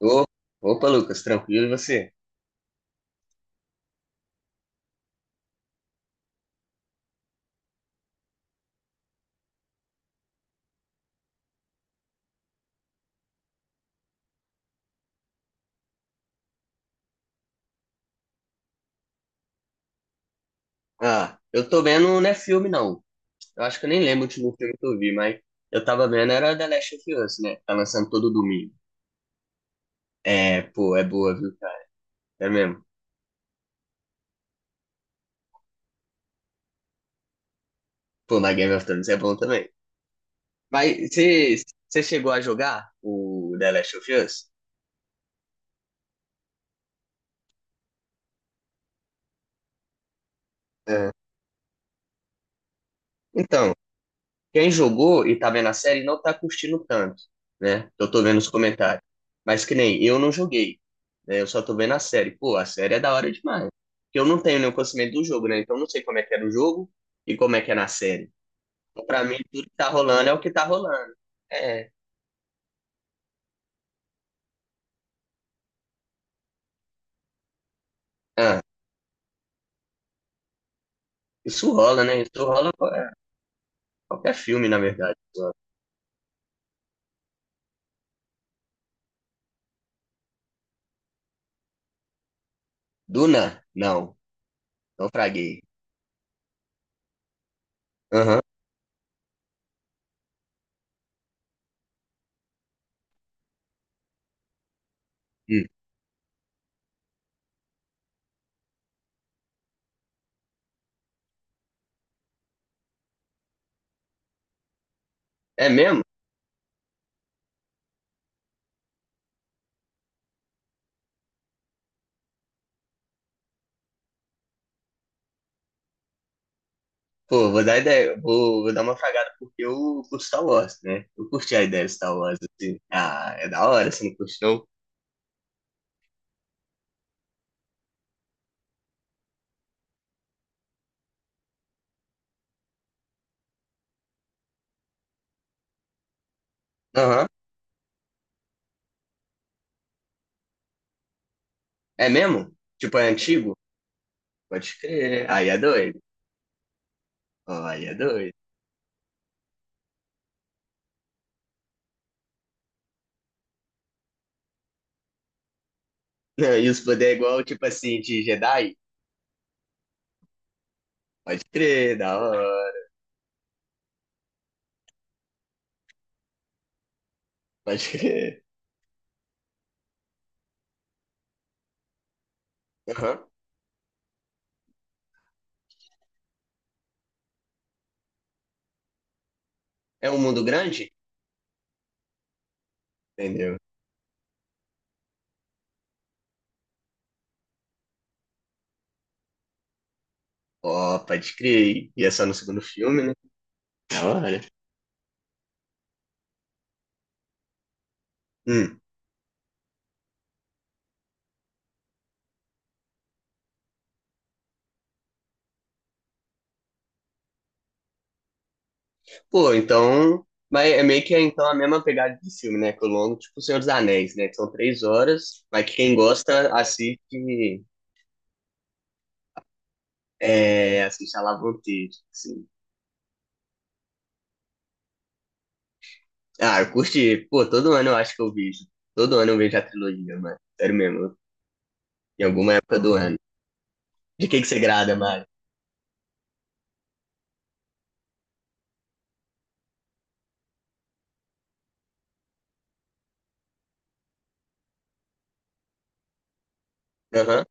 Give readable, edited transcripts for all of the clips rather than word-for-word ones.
Ô, opa, Lucas, tranquilo e você? Ah, eu tô vendo, não é filme não. Eu acho que eu nem lembro o último filme que eu vi, mas eu tava vendo era The Last of Us, né? Tá lançando todo domingo. É, pô, é boa, viu, cara? É mesmo. Pô, mas Game of Thrones é bom também. Mas você chegou a jogar o The Last of Us? É. Então, quem jogou e tá vendo a série não tá curtindo tanto, né? Eu tô vendo os comentários. Mas que nem eu não joguei, né? Eu só tô vendo a série. Pô, a série é da hora demais. Porque eu não tenho nenhum conhecimento do jogo, né? Então eu não sei como é que é no jogo e como é que é na série. Então, pra mim, tudo que tá rolando é o que tá rolando. É. Ah, isso rola, né? Isso rola em qualquer filme, na verdade. Duna? Não. Não, então, fraguei. Aham. Hum. É mesmo? Pô, vou dar ideia, vou dar uma fragada porque eu curto Star Wars, né? Eu curti a ideia de Star Wars, assim. Ah, é da hora, você não curte, não? Aham. É mesmo? Tipo, é antigo? Pode crer. Aí é doido. Ó, aí é doido. Não, e os poderes é igual, tipo assim, de Jedi? Pode crer, da hora. Pode crer. Aham. É um mundo grande? Entendeu? Ó, pode crer. E é só no segundo filme, né? Da hora. Hum. Pô, então. Mas é meio que é, então a mesma pegada de filme, né? Que o longo, tipo O Senhor dos Anéis, né? Que são 3 horas, mas que quem gosta assiste. É, assiste a Lavanteiro, assim. Ah, eu curti. Pô, todo ano eu acho que eu vejo. Todo ano eu vejo a trilogia, mano. Sério mesmo. Em alguma época do ano. De que você grada, Mário? Aham.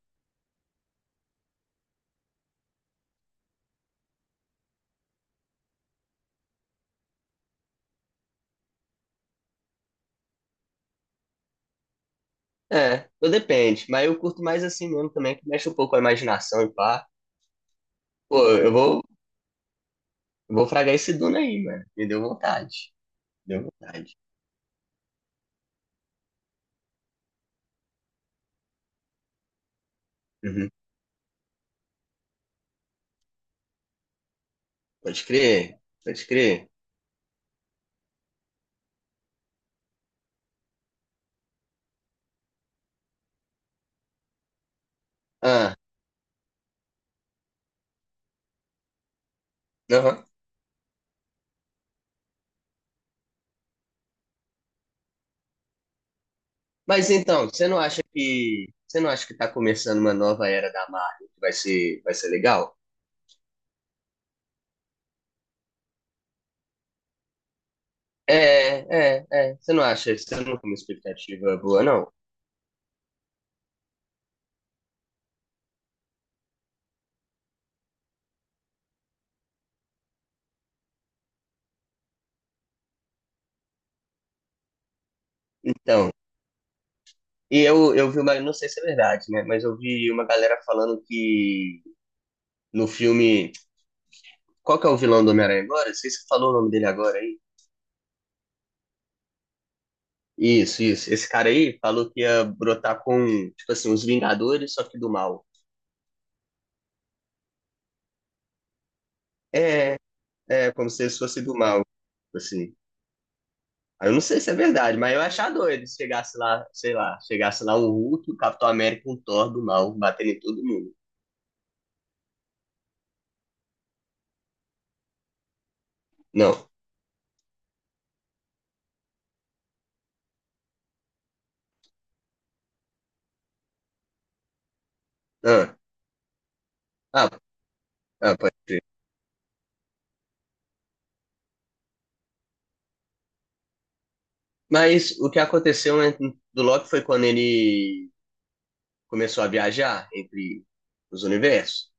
É, tudo depende. Mas eu curto mais assim mesmo também, que mexe um pouco com a imaginação e pá. Pô, eu vou fragar esse Duna aí, mano. Me deu vontade. Deu vontade. Uhum. Pode crer, pode crer. Ah, aham. Mas então, você não acha que tá começando uma nova era da Marvel que vai ser legal? É, é, é. Você não acha? Você não tem uma expectativa boa, não? Então, e eu vi uma, não sei se é verdade, né? Mas eu vi uma galera falando que no filme, qual que é o vilão do Homem-Aranha agora? Não sei se você falou o nome dele agora aí. Isso, isso. Esse cara aí falou que ia brotar com, tipo assim, os Vingadores, só que do mal. É, é, como se eles fossem do mal, assim. Aí eu não sei se é verdade, mas eu ia achar doido se chegasse lá, sei lá, chegasse lá um Hulk, o Capitão América, um Thor do mal, batendo em todo mundo. Não. Ah, ah, ah, pode crer. Mas o que aconteceu, né, do Loki foi quando ele começou a viajar entre os universos.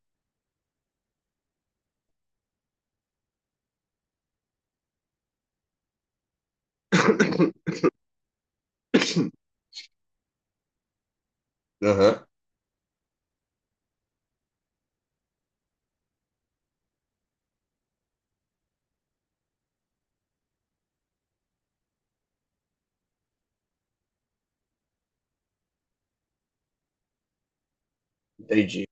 Aham, entendi.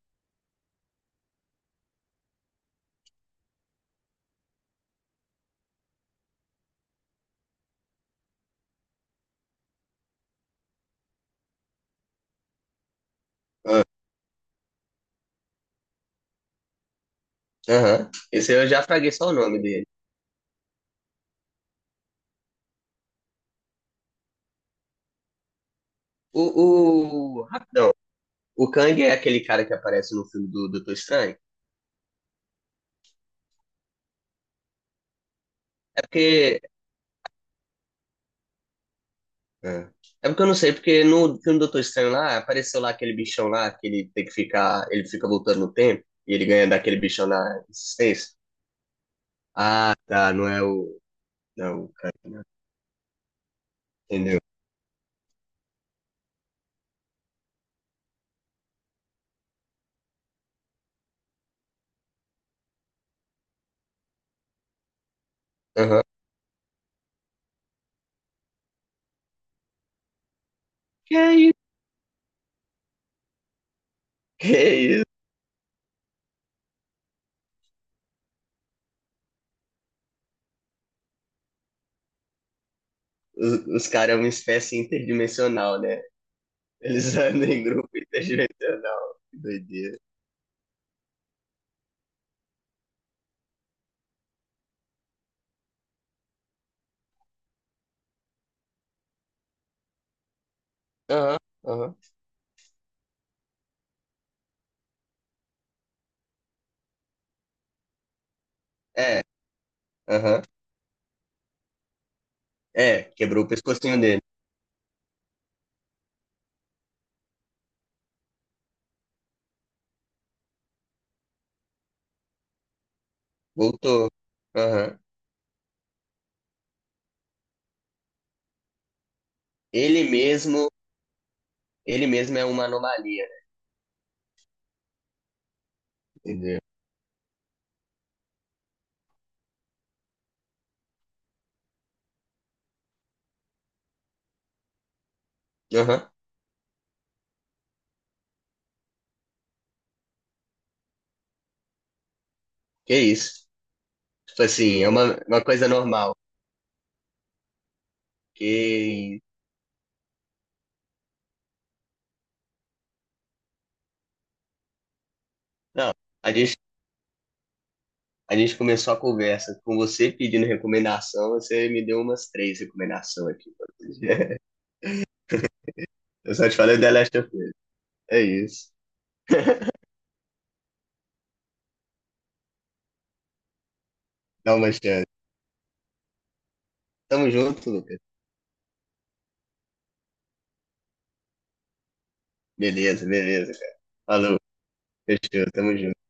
Ah, aham. Esse eu já fraguei só o nome dele. O... Rapidão. O Kang é aquele cara que aparece no filme do Doutor Estranho. É porque É. É porque eu não sei, porque no filme do Doutor Estranho lá, apareceu lá aquele bichão lá, que ele tem que ficar, ele fica voltando no tempo, e ele ganha daquele bichão na existência. Ah, tá, não é o, não é o cara, né? Entendeu? Aham. Que é isso? Que é isso? Os caras é uma espécie interdimensional, né? Eles andam em grupo interdimensional. Que doideira. Aham, aham. É, aham. É, quebrou o pescocinho dele. Voltou. Aham. Ele mesmo, ele mesmo é uma anomalia, né? Entendeu? Aham, que isso. Tipo assim, é uma coisa normal. Que... Não, a gente, a gente começou a conversa com você pedindo recomendação, você me deu umas três recomendações aqui. Eu só te falei The Last of Us. É isso. Dá uma chance. Tamo junto, Lucas. Beleza, beleza, cara. Falou, fechou, tamo junto.